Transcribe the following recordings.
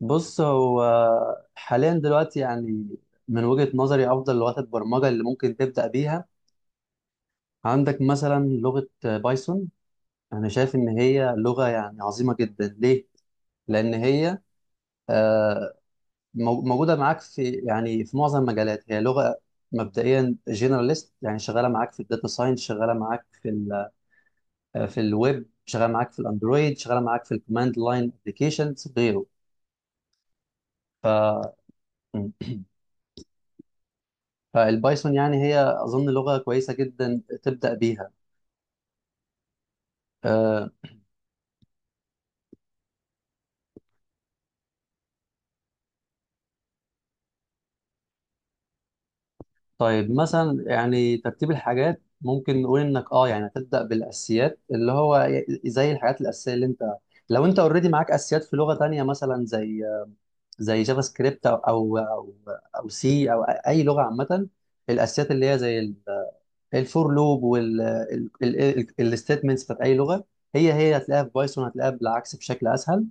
بص هو حاليا دلوقتي يعني من وجهة نظري أفضل لغات البرمجة اللي ممكن تبدأ بيها. عندك مثلا لغة بايثون. أنا شايف إن هي لغة يعني عظيمة جدا. ليه؟ لأن هي آه، موجودة معاك في يعني في معظم المجالات. هي لغة مبدئيا جنراليست يعني شغالة معاك في الداتا ساينس، شغالة معاك في ال آه، في الويب، شغالة معاك في الأندرويد، شغالة معاك في الكوماند لاين أبلكيشنز، غيره. فالبايثون يعني هي أظن لغة كويسة جدا تبدأ بيها. آه، طيب مثلا يعني ترتيب الحاجات ممكن نقول إنك يعني هتبدأ بالأساسيات، اللي هو زي الحاجات الأساسية اللي أنت. لو أنت أوريدي معاك أساسيات في لغة تانية مثلا زي جافا سكريبت أو سي أو أي لغة عامة. الأساسيات اللي هي زي الفور لوب والستيتمنتس بتاعت أي لغة، هي هتلاقيها في بايثون، هتلاقيها بالعكس بشكل أسهل.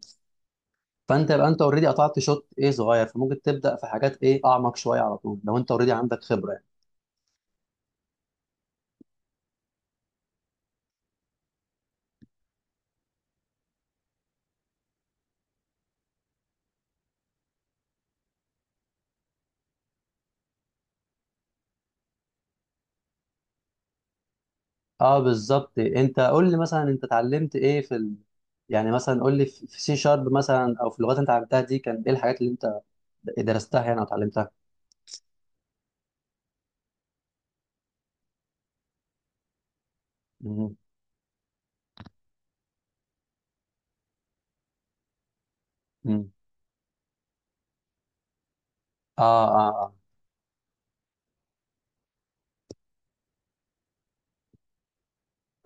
فانت يبقى انت اوريدي قطعت شوط ايه صغير، فممكن تبدا في حاجات ايه اعمق شويه على طول لو انت اوريدي عندك خبره يعني. اه بالظبط. انت قول لي مثلا انت اتعلمت ايه في يعني مثلا قول لي في سي شارب مثلا او في اللغات اللي انت اتعلمتها دي كان ايه الحاجات اللي انت درستها يعني او اتعلمتها. مم. مم. اه اه اه.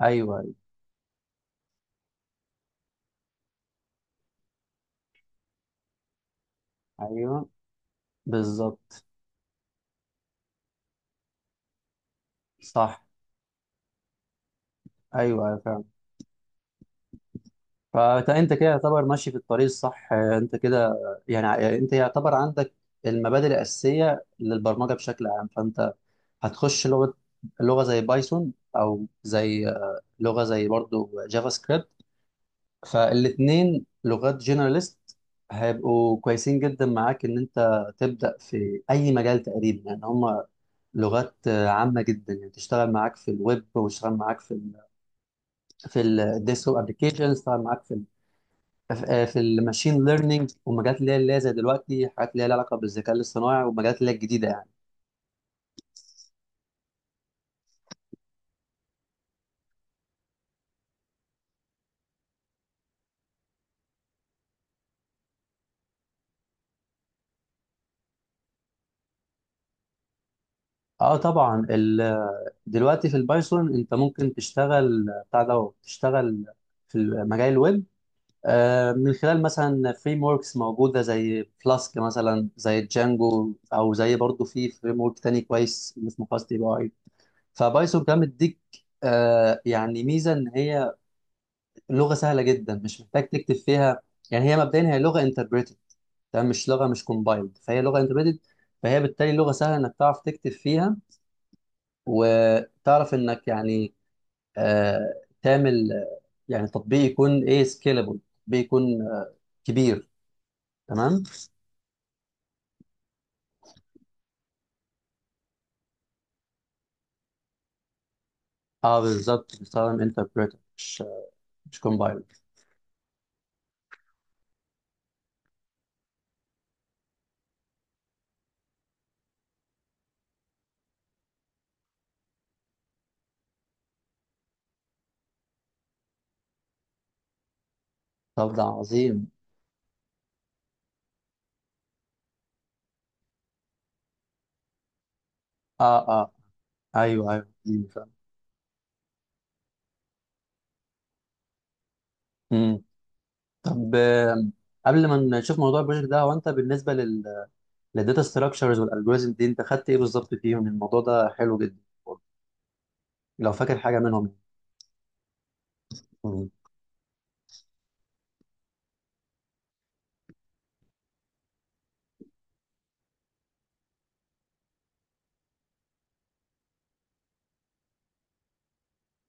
ايوه ايوه. أيوة، بالظبط. صح. ايوه ايوه فعلا. فانت كده يعتبر ماشي في الطريق الصح، انت كده يعني انت يعتبر عندك المبادئ الاساسيه للبرمجه بشكل عام. فانت هتخش لغة، لغة زي بايثون أو زي لغة زي برضو جافا سكريبت. فالاتنين لغات جنراليست، هيبقوا كويسين جدا معاك إن أنت تبدأ في أي مجال تقريبا يعني. هما لغات عامة جدا، يعني تشتغل معاك في الويب وتشتغل معاك في في الديسكتوب ابلكيشن، تشتغل معاك في ال آه، في الماشين ليرنينج ومجالات اللي هي زي دلوقتي حاجات اللي هي لها علاقة بالذكاء الاصطناعي ومجالات اللي هي الجديدة يعني. اه طبعا دلوقتي في البايثون انت ممكن تشتغل بتاع ده، تشتغل في مجال الويب من خلال مثلا فريم وركس موجوده زي فلاسك مثلا، زي جانجو، او زي برضو في فريم ورك تاني كويس اسمه فاست API. فبايثون كمان بتديك يعني ميزه ان هي لغه سهله جدا، مش محتاج تكتب فيها. يعني هي مبدئيا هي لغه انتربريتد، تمام، مش لغه، مش كومبايلد، فهي لغه انتربريتد. فهي بالتالي لغه سهله انك تعرف تكتب فيها وتعرف انك يعني آه، تعمل يعني تطبيق يكون ايه سكيلبل، تطبيق يكون كبير، تمام. اه بالظبط، بتستخدم انتربريتر، مش كومبايلر. طب ده عظيم. اه اه. ايوه ايوه عظيم فعلا. مم. طب قبل ما نشوف موضوع البروجكت ده، هو انت بالنسبه للداتا ستراكشرز والالجوريزم دي، انت خدت ايه بالظبط فيهم؟ الموضوع ده حلو جدا لو فاكر حاجه منهم. مم.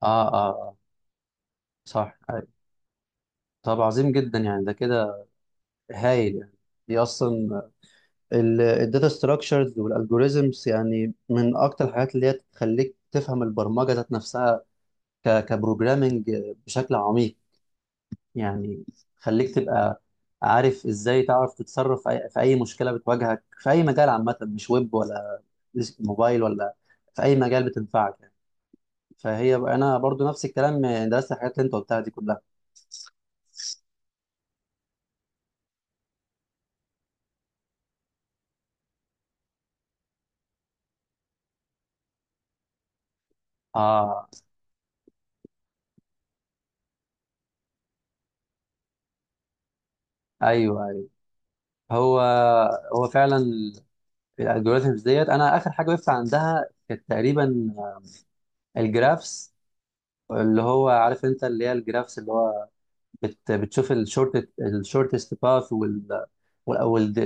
اه اه آه، صح. أيوة. طب عظيم جدا. يعني ده كده هايل يعني. دي اصلا الداتا ستراكشرز والالجوريزمز يعني من اكتر الحاجات اللي هي تخليك تفهم البرمجه ذات نفسها كبروجرامنج بشكل عميق. يعني خليك تبقى عارف ازاي تعرف تتصرف في في أي مشكله بتواجهك في اي مجال عامه، مش ويب ولا موبايل ولا، في اي مجال بتنفعك يعني. فهي بقى انا برضو نفس الكلام، درست الحاجات اللي انت قلتها دي كلها. اه ايوه ايوه. هو هو فعلا الالجوريزمز ديت. انا اخر حاجه وقفت عندها كانت تقريبا الجرافس، اللي هو عارف انت، اللي هي الجرافس، اللي هو بتشوف الشورتست باث، وال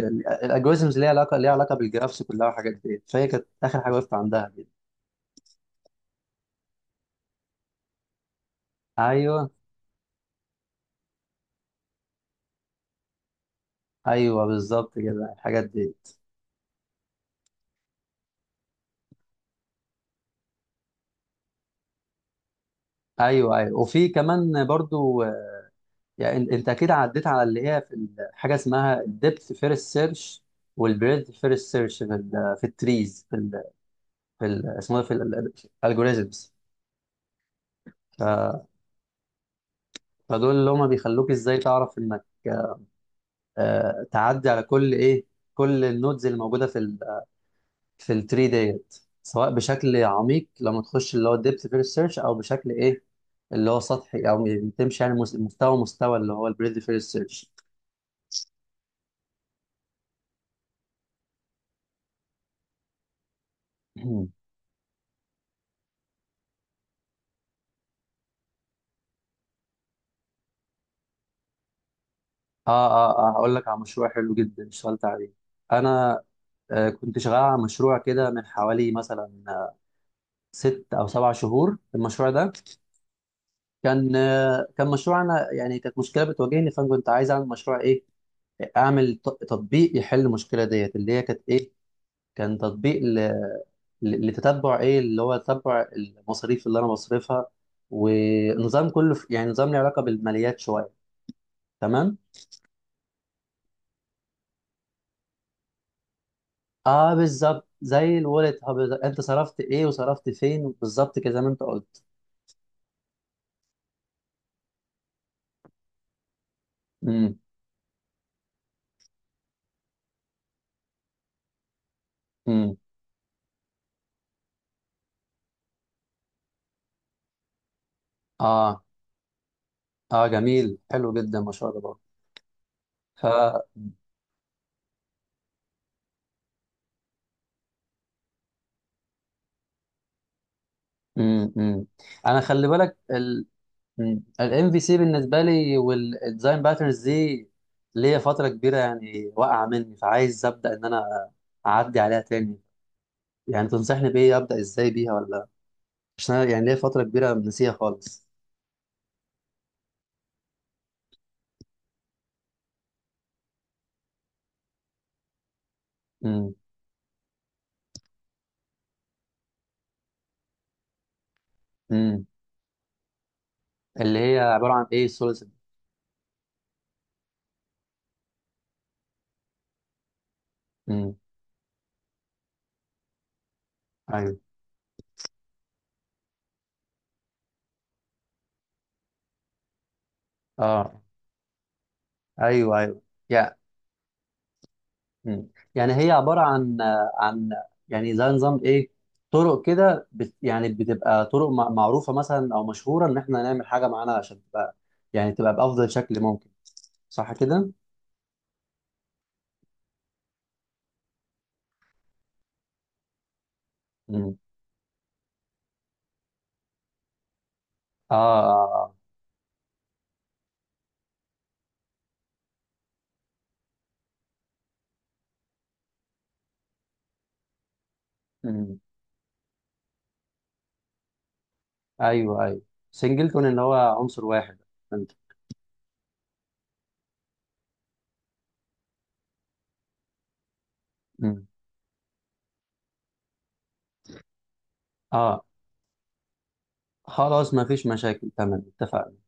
الالجوريزمز اللي هي ليها علاقه بالجرافس كلها والحاجات دي. فهي كانت اخر حاجه وقفت عندها دي. ايوه ايوه بالظبط كده الحاجات دي. ايوه ايوه. وفي كمان برضو يعني، انت اكيد عديت على اللي هي في حاجه اسمها الديبث فيرست سيرش والبريدث فيرست سيرش في في التريز في اسمه ده في الالجوريزمز. فدول اللي هما بيخلوك ازاي تعرف انك تعدي على كل ايه، كل النودز اللي موجوده في في التري ديت، سواء بشكل عميق لما تخش اللي هو الديبث فيرست سيرش او بشكل ايه اللي هو سطحي او بتمشي يعني مستوى مستوى اللي هو البريد فيرست سيرش. اه اه اه. هقول لك على مشروع حلو جدا اشتغلت عليه انا. كنت شغال على مشروع كده من حوالي مثلا 6 او 7 شهور. المشروع ده كان كان مشروع. انا يعني كانت مشكله بتواجهني، فانا كنت عايز اعمل مشروع ايه، اعمل تطبيق يحل المشكله ديت اللي هي كانت ايه. كان تطبيق لتتبع ايه اللي هو تتبع المصاريف اللي انا بصرفها. ونظام كله في يعني نظام له علاقه بالماليات شويه، تمام. اه بالظبط زي الولد هاب بالظبط. انت صرفت ايه وصرفت فين بالظبط كده زي ما انت قلت. امم امم. اه اه جميل حلو جدا ما شاء الله. ف امم امم انا خلي بالك، الMVC بالنسبه لي والديزاين باترنز دي ليا فتره كبيره يعني واقعه مني، فعايز ابدا ان انا اعدي عليها تاني. يعني تنصحني بايه؟ ابدا ازاي بيها ولا، عشان أنا يعني ليا فتره كبيره نسيها خالص. امم امم. اللي هي عباره عن ايه السوليسيتي؟ امم. ايوه اه ايوه ايوه يعني. مم. يعني هي عبارة عن عن يعني زي نظام ايه، طرق كده يعني بتبقى طرق معروفة مثلا او مشهورة ان احنا نعمل حاجة معانا عشان تبقى يعني تبقى بأفضل شكل ممكن، صح كده؟ مم. اه اه اه. مم. ايوه ايوه سنجلتون اللي هو عنصر واحد انت. مم. اه خلاص، ما فيش مشاكل، تمام اتفقنا.